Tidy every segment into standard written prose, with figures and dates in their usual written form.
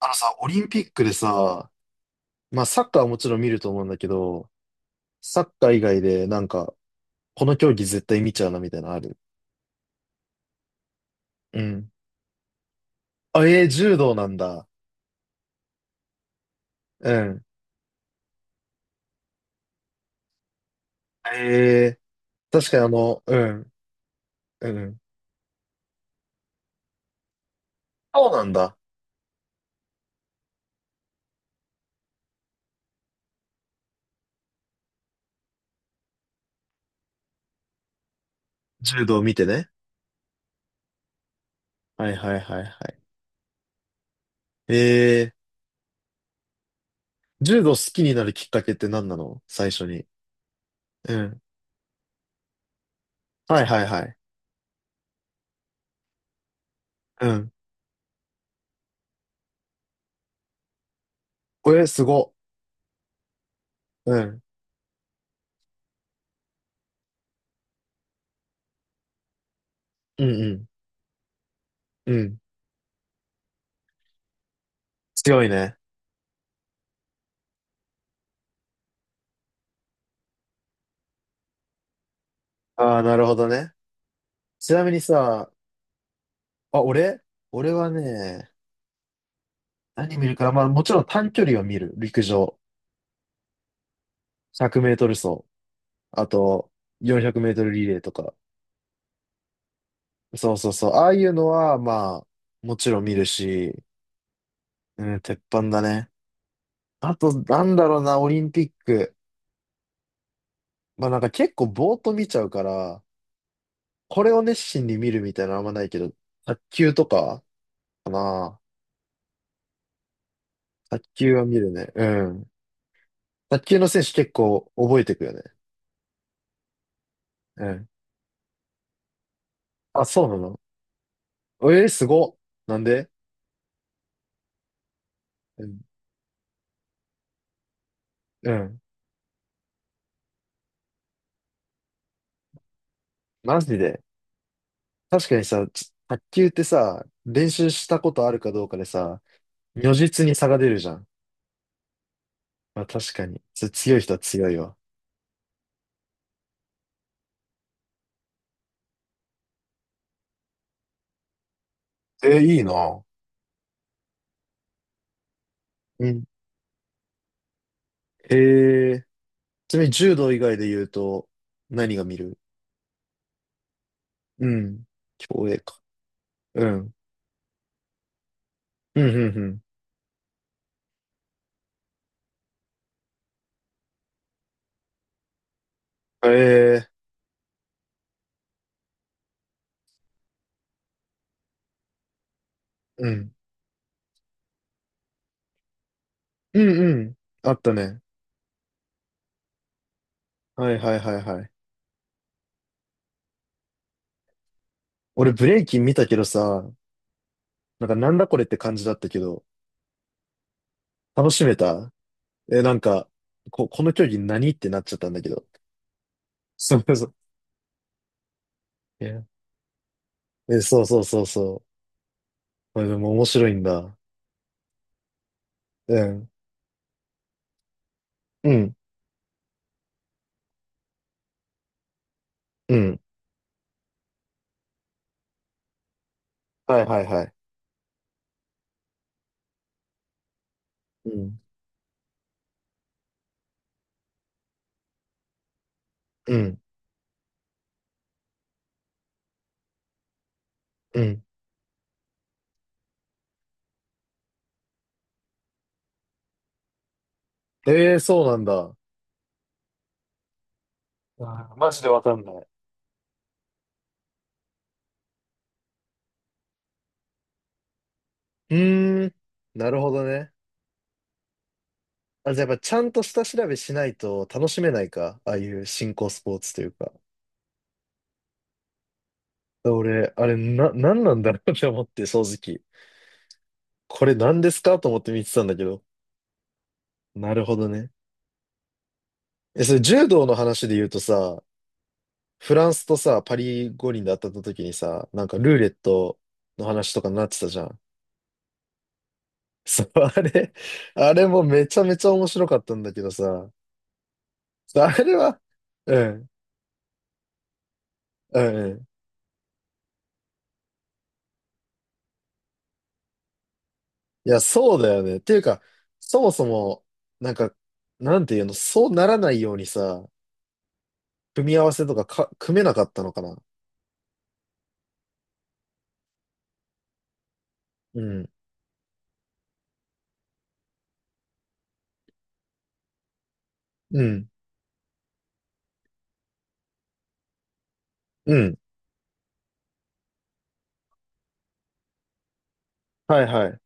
あのさ、オリンピックでさ、まあサッカーはもちろん見ると思うんだけど、サッカー以外でなんか、この競技絶対見ちゃうなみたいなのある？うん。あ、えー柔道なんだ。うん。ええ、確かにうん、うん。そうなんだ。柔道見てね。はいはいはいはい。ええ、柔道好きになるきっかけって何なの最初に？うん。はいはいはい。うん。おえー、すご。うん。うんうん。うん。強いね。ああ、なるほどね。ちなみにさ、あ、俺はね、何見るかな、まあもちろん短距離を見る。陸上。100メートル走。あと、400メートルリレーとか。そうそうそう。ああいうのは、まあ、もちろん見るし、うん、鉄板だね。あと、なんだろうな、オリンピック。まあなんか結構ぼーっと見ちゃうから、これを熱心に見るみたいなのあんまないけど、卓球とかかな。卓球は見るね。うん。卓球の選手結構覚えてくよね。うん。あ、そうなの？えー、すごっ。なんで？うん。うん、マジで。確かにさ、卓球ってさ、練習したことあるかどうかでさ、如実に差が出るじゃん。まあ確かに。強い人は強いわ。えー、いいな。うん。えー、ちなみに柔道以外で言うと、何が見る？うん。競泳か。うん。うん、うん、うん。えー、うん。うん、うん。あったね。はいはいはいはい。俺ブレイキン見たけどさ、なんかなんだこれって感じだったけど、楽しめた？え、なんか、この競技何ってなっちゃったんだけど。そうそう。いや、え、そうそうそうそう。まあでも面白いんだ。うん。うん。うん。はいはいはい。うん。うん。うん。えー、そうなんだ。あー、マジでわかんない。うーん。なるほどね。あ、じゃあやっぱちゃんと下調べしないと楽しめないか。ああいう新興スポーツというか。俺、あれ、なんなんだろうって思って、正直。これ何ですかと思って見てたんだけど。なるほどね。え、それ柔道の話で言うとさ、フランスとさ、パリ五輪で当たった時にさ、なんかルーレットの話とかになってたじゃん。そう、あれ、あれもめちゃめちゃ面白かったんだけどさ、あれは、うん、うん、うん。いや、そうだよね。っていうか、そもそも、なんか、なんていうの、そうならないようにさ、組み合わせとかか、組めなかったのかな。うん、うん、うん。はいはい。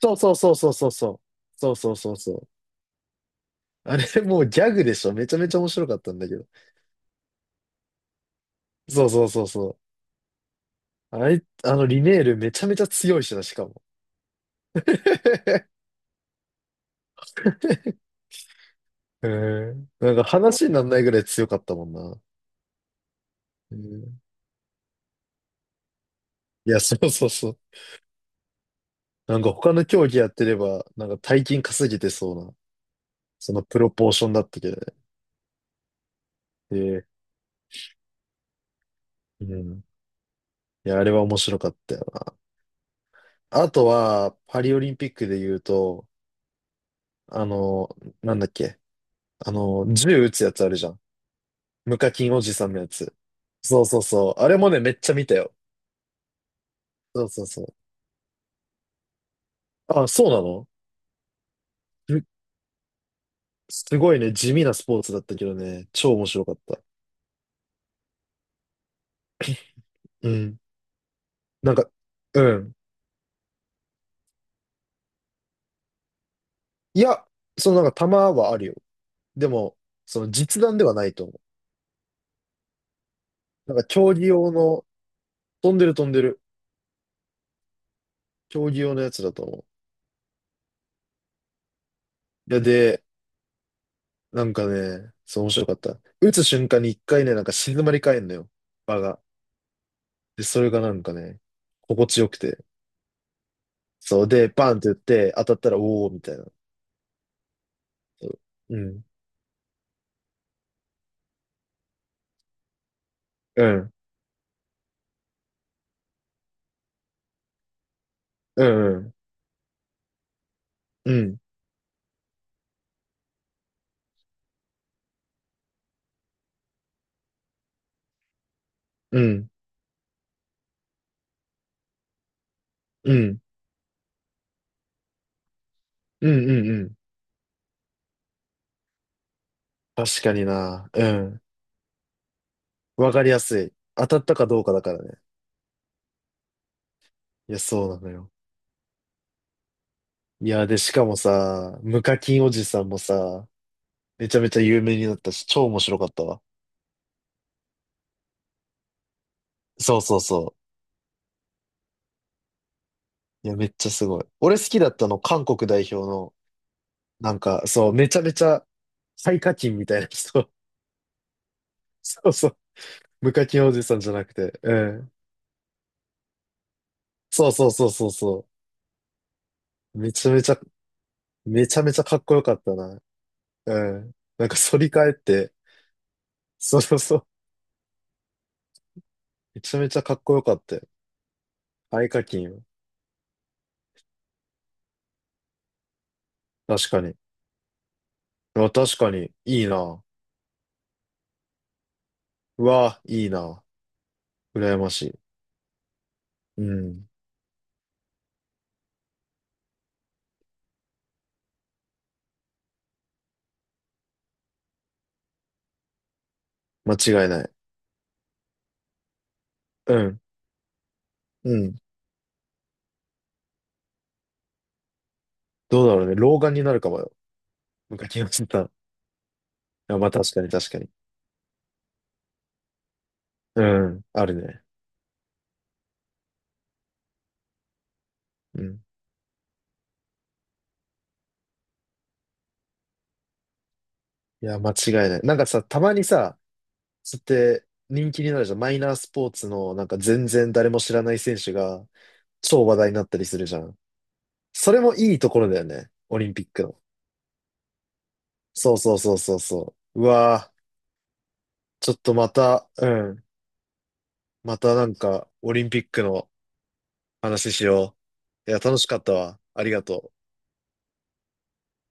そうそうそうそうそうそう。そうそうそうそう。あれ、もうギャグでしょ。めちゃめちゃ面白かったんだけど。そうそうそうそう。あのリネールめちゃめちゃ強いしな、しかも。へえ。なんか話にならないぐらい強かったもんな。へえ、いや、そうそうそう。なんか他の競技やってれば、なんか大金稼げてそうな、そのプロポーションだったけどね。ええ、うん。いや、あれは面白かったよな。あとは、パリオリンピックで言うと、あの、なんだっけ、銃撃つやつあるじゃん。無課金おじさんのやつ。そうそうそう。あれもね、めっちゃ見たよ。そうそうそう。あ、そうなの？すごいね、地味なスポーツだったけどね、超面白かった。うん。なんか、うん。いや、そのなんか球はあるよ。でも、その実弾ではないと思う。なんか競技用の、飛んでる飛んでる。競技用のやつだと思う。いや、で、なんかね、そう面白かった。打つ瞬間に一回ね、なんか静まり返んのよ。場が。で、それがなんかね、心地よくて。そう。で、バンって打って、当たったら、おー、みたいな。そう、うん。うん。うん。うん。うん。うん。うん。うん。うん。うん。確かにな。うん。わかりやすい。当たったかどうかだからね。いや、そうなのよ。いや、で、しかもさ、無課金おじさんもさ、めちゃめちゃ有名になったし、超面白かったわ。そうそうそう。いや、めっちゃすごい。俺好きだったの、韓国代表の、なんか、そう、めちゃめちゃ、最課金みたいな人。そうそう。無課金おじさんじゃなくて。うん。そうそうそうそうそう。めちゃめちゃかっこよかったな。うん。なんか反り返って、そうそうそう。めちゃめちゃかっこよかったよ。合課金は。確かに。あ、確かに。いいな。うわ、いいな。羨ましい。うん。間違いない。うん。うん。どうだろうね。老眼になるかもよ。昔のしてた。あ、まあ確かに確かに。うん。あるね。うん。いや、間違いない。なんかさ、たまにさ、つって人気になるじゃん。マイナースポーツの、なんか全然誰も知らない選手が、超話題になったりするじゃん。それもいいところだよね。オリンピックの。そうそうそうそうそう。うわー。ちょっとまた、うん。またなんか、オリンピックの話しよう。いや、楽しかったわ。ありがとう。